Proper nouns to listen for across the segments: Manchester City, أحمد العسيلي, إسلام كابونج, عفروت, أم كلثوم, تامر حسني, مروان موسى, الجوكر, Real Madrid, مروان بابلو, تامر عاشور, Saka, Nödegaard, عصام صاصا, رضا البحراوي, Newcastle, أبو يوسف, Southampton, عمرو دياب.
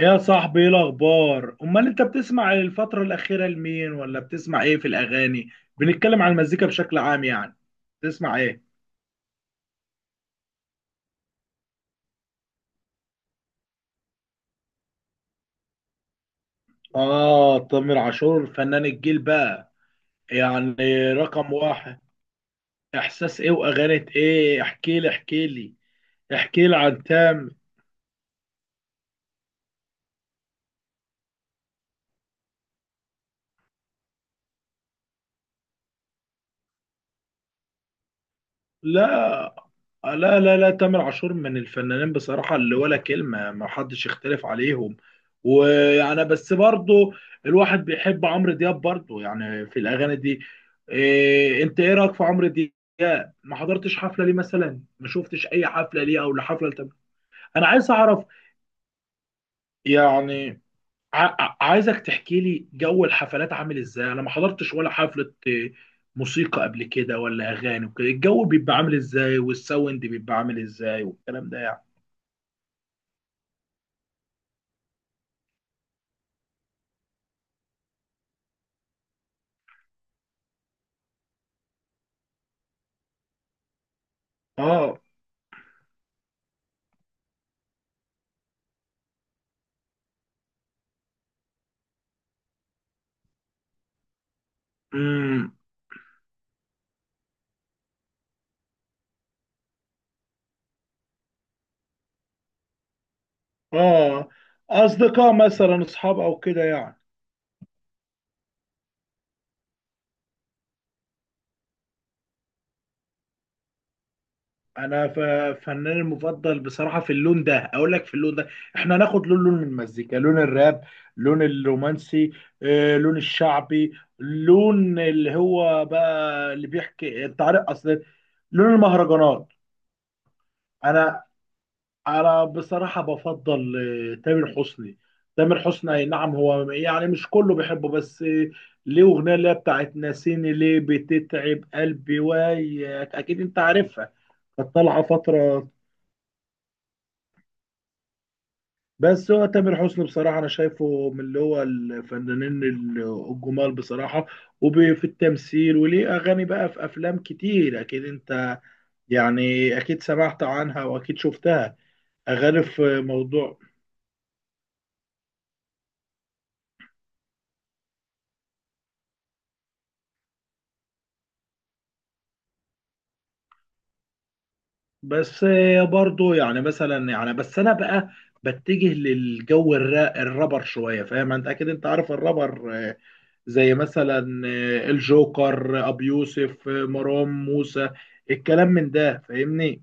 يا صاحبي، ايه الاخبار؟ امال انت بتسمع الفتره الاخيره لمين، ولا بتسمع ايه في الاغاني؟ بنتكلم عن المزيكا بشكل عام يعني. بتسمع ايه؟ اه، تامر عاشور فنان الجيل بقى، يعني رقم واحد. احساس ايه واغاني ايه، احكي لي احكي لي. احكي لي عن تامر. لا لا لا لا، تامر عاشور من الفنانين بصراحة اللي ولا كلمة، ما حدش يختلف عليهم. ويعني بس برضو الواحد بيحب عمرو دياب برضو يعني، في الأغاني دي. إيه انت، ايه رأيك في عمرو دياب؟ ما حضرتش حفلة ليه مثلا؟ ما شفتش اي حفلة ليه، او لحفلة لتامر؟ انا عايز اعرف. يعني عايزك تحكي لي جو الحفلات عامل ازاي. انا ما حضرتش ولا حفلة، موسيقى قبل كده ولا اغاني وكده. الجو بيبقى عامل ازاي، والساوند بيبقى عامل ازاي، والكلام ده يعني؟ اه. امم. اه. اصدقاء مثلا، اصحاب او كده يعني؟ انا فناني المفضل بصراحة في اللون ده، اقول لك في اللون ده. احنا هناخد لون لون من المزيكا. لون الراب. لون الرومانسي. لون الشعبي. لون اللي هو بقى، اللي بيحكي، انت عارف اصل. لون المهرجانات. انا انا بصراحه بفضل، تامر حسني. تامر حسني اي نعم، هو يعني مش كله بيحبه بس، ليه اغنيه اللي هي بتاعت ناسيني ليه، بتتعب قلبي وياك، اكيد انت عارفها، كانت طالعه فتره. بس هو تامر حسني بصراحه انا شايفه من اللي هو الفنانين الجمال بصراحه، وفي التمثيل، وليه اغاني بقى في افلام كتير، اكيد انت يعني اكيد سمعت عنها واكيد شفتها، اغاني في موضوع. بس برضو يعني مثلا يعني بس انا بقى بتجه للجو الرابر شويه، فاهم. انت اكيد انت عارف الرابر، زي مثلا الجوكر، ابو يوسف، مروان موسى، الكلام من ده، فاهمني.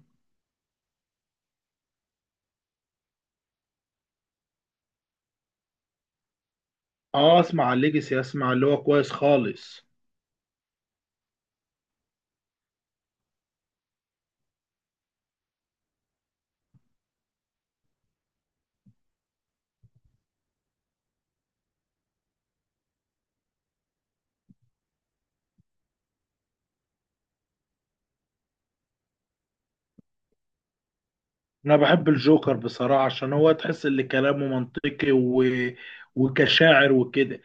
اه، اسمع الليجسي، اسمع اللي هو كويس خالص. انا بحب الجوكر بصراحه، عشان هو تحس ان كلامه منطقي، وكشاعر وكده.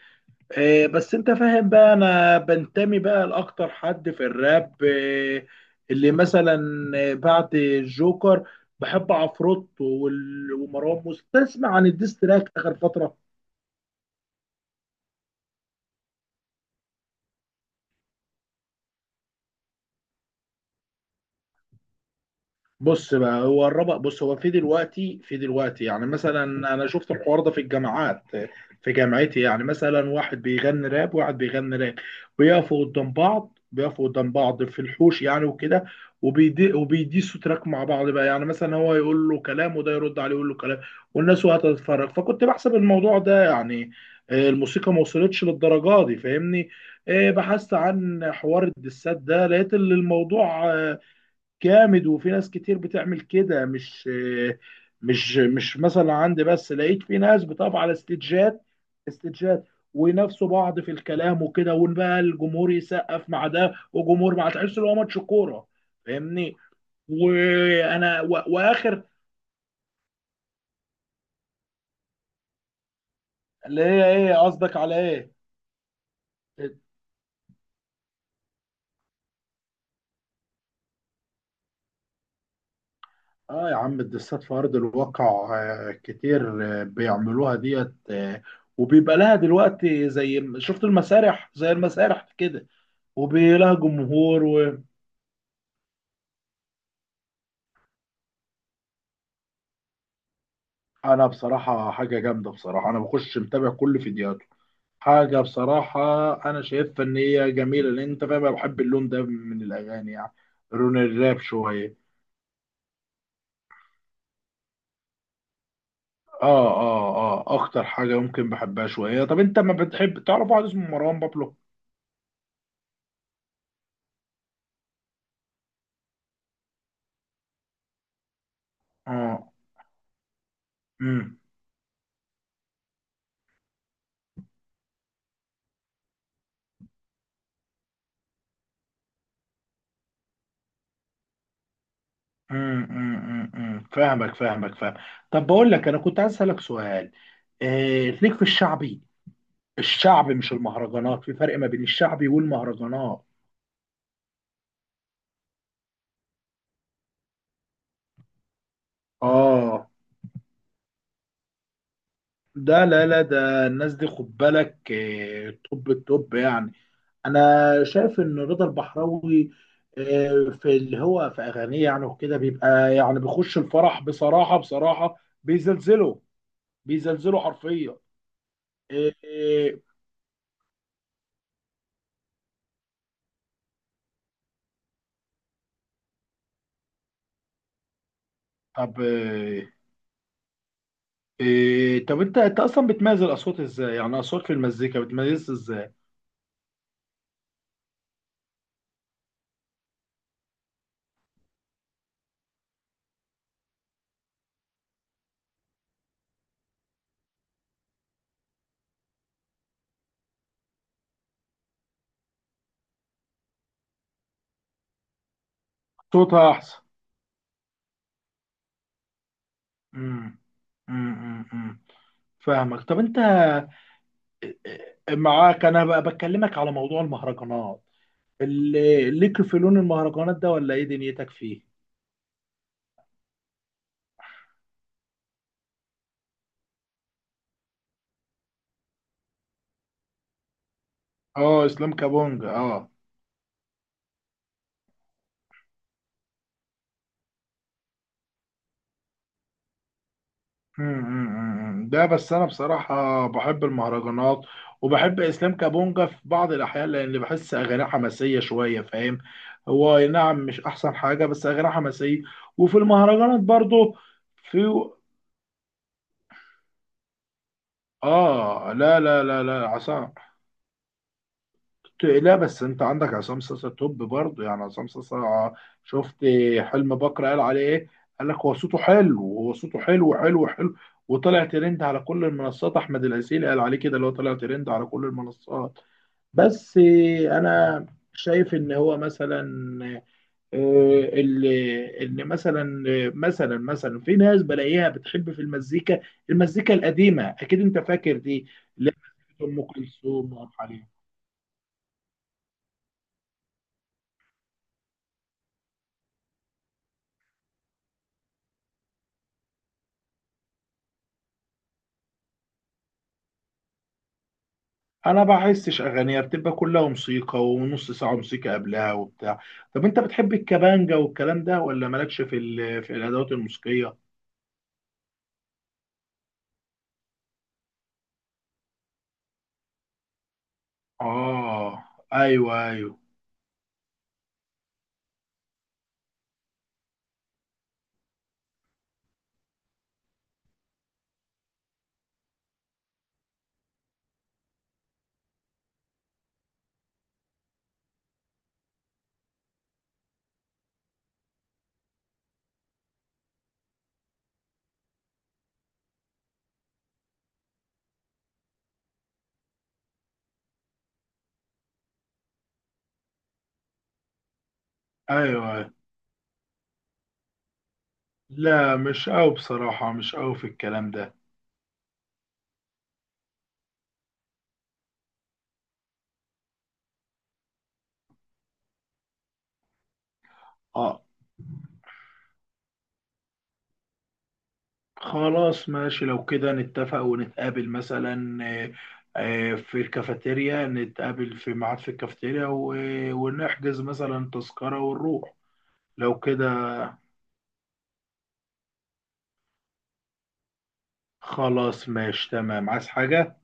بس انت فاهم بقى، انا بنتمي بقى لاكتر حد في الراب، اللي مثلا بعد الجوكر، بحب عفروت ومروان موسى. تسمع عن الديستراك اخر فتره؟ بص بقى، هو الربق، بص، هو في دلوقتي يعني مثلا. انا شفت الحوار ده في الجامعات، في جامعتي، يعني مثلا واحد بيغني راب وواحد بيغني راب، بيقفوا قدام بعض في الحوش يعني وكده. وبيديسوا تراك مع بعض بقى، يعني مثلا هو يقول له كلام وده يرد عليه يقول له كلام، والناس وقت تتفرج. فكنت بحسب الموضوع ده يعني، الموسيقى ما وصلتش للدرجه دي، فاهمني. بحثت عن حوار الدسات ده، لقيت ان الموضوع، جامد، وفي ناس كتير بتعمل كده. مش مش مش مثلا عندي، بس لقيت في ناس بتقف على استجات، استجات وينافسوا بعض في الكلام وكده، وبقى الجمهور يسقف مع ده وجمهور مع، تحس ان هو ماتش كوره، فاهمني. وانا، واخر. اللي هي ايه قصدك، على ايه؟ اه يا عم، الدسات في ارض الواقع، كتير، بيعملوها ديت، وبيبقى لها دلوقتي. زي شفت المسارح، زي المسارح كده، وبيلاقي جمهور. وانا بصراحه، حاجه جامده بصراحه، انا بخش متابع كل فيديوهاته. حاجه بصراحه انا شايفها ان هي جميله، لان انت فاهم انا بحب اللون ده من الاغاني يعني. لون الراب شويه. اه اه اه، اكتر حاجه ممكن بحبها شويه. طب انت ما بتحب تعرف واحد اسمه مروان بابلو؟ اه. امم امم، فاهمك فاهمك فاهم. طب بقول لك، انا كنت عايز اسالك سؤال. ليك في الشعبي؟ الشعب مش المهرجانات، في فرق ما بين الشعبي والمهرجانات. اه، ده لا لا، ده الناس دي خد بالك، توب التوب يعني. انا شايف ان رضا البحراوي، في اللي هو في اغانيه يعني وكده، بيبقى يعني بيخش الفرح بصراحه، بصراحه بيزلزله، بيزلزله حرفيا. آه، آه، طب طب انت اصلا بتميز الاصوات ازاي؟ يعني اصوات في المزيكا بتميز ازاي؟ صوتها احسن. امم أمم. فاهمك. طب انت معاك، انا بقى بكلمك على موضوع المهرجانات، اللي ليك في لون المهرجانات ده، ولا ايه دنيتك فيه؟ اه، اسلام كابونج، اه. أمم، أمم، أمم. ده بس انا بصراحه بحب المهرجانات، وبحب اسلام كابونجا في بعض الاحيان، لان بحس اغانيه حماسيه شويه، فاهم. هو أي نعم مش احسن حاجه، بس اغانيه حماسيه. وفي المهرجانات برضو، في. اه لا لا لا لا، عصام. لا، بس انت عندك عصام صاصا توب برضه، يعني عصام صاصا. شفت حلم بكر قال عليه ايه؟ قال لك هو صوته حلو، هو صوته حلو حلو حلو. وطلع ترند على كل المنصات. احمد العسيلي قال عليه كده، اللي هو طلع ترند على كل المنصات. بس انا شايف ان هو مثلا، اللي ان مثلا، مثلا في ناس بلاقيها بتحب في المزيكا القديمه، اكيد انت فاكر دي، اللي هي مزيكة ام كلثوم وعبد الحليم. انا بحسش اغانيها، بتبقى كلها موسيقى، ونص ساعه موسيقى قبلها وبتاع. طب انت بتحب الكمانجا والكلام ده، ولا مالكش في في الادوات الموسيقيه؟ اه. ايوه ايوه، ايوه أيوة. لا مش قوي بصراحه، مش قوي في الكلام ده. اه. خلاص ماشي، لو كده نتفق ونتقابل مثلا، في الكافيتيريا. نتقابل في ميعاد في الكافيتيريا، ونحجز مثلا تذكره ونروح. لو كده خلاص، ماشي، تمام. عايز حاجه؟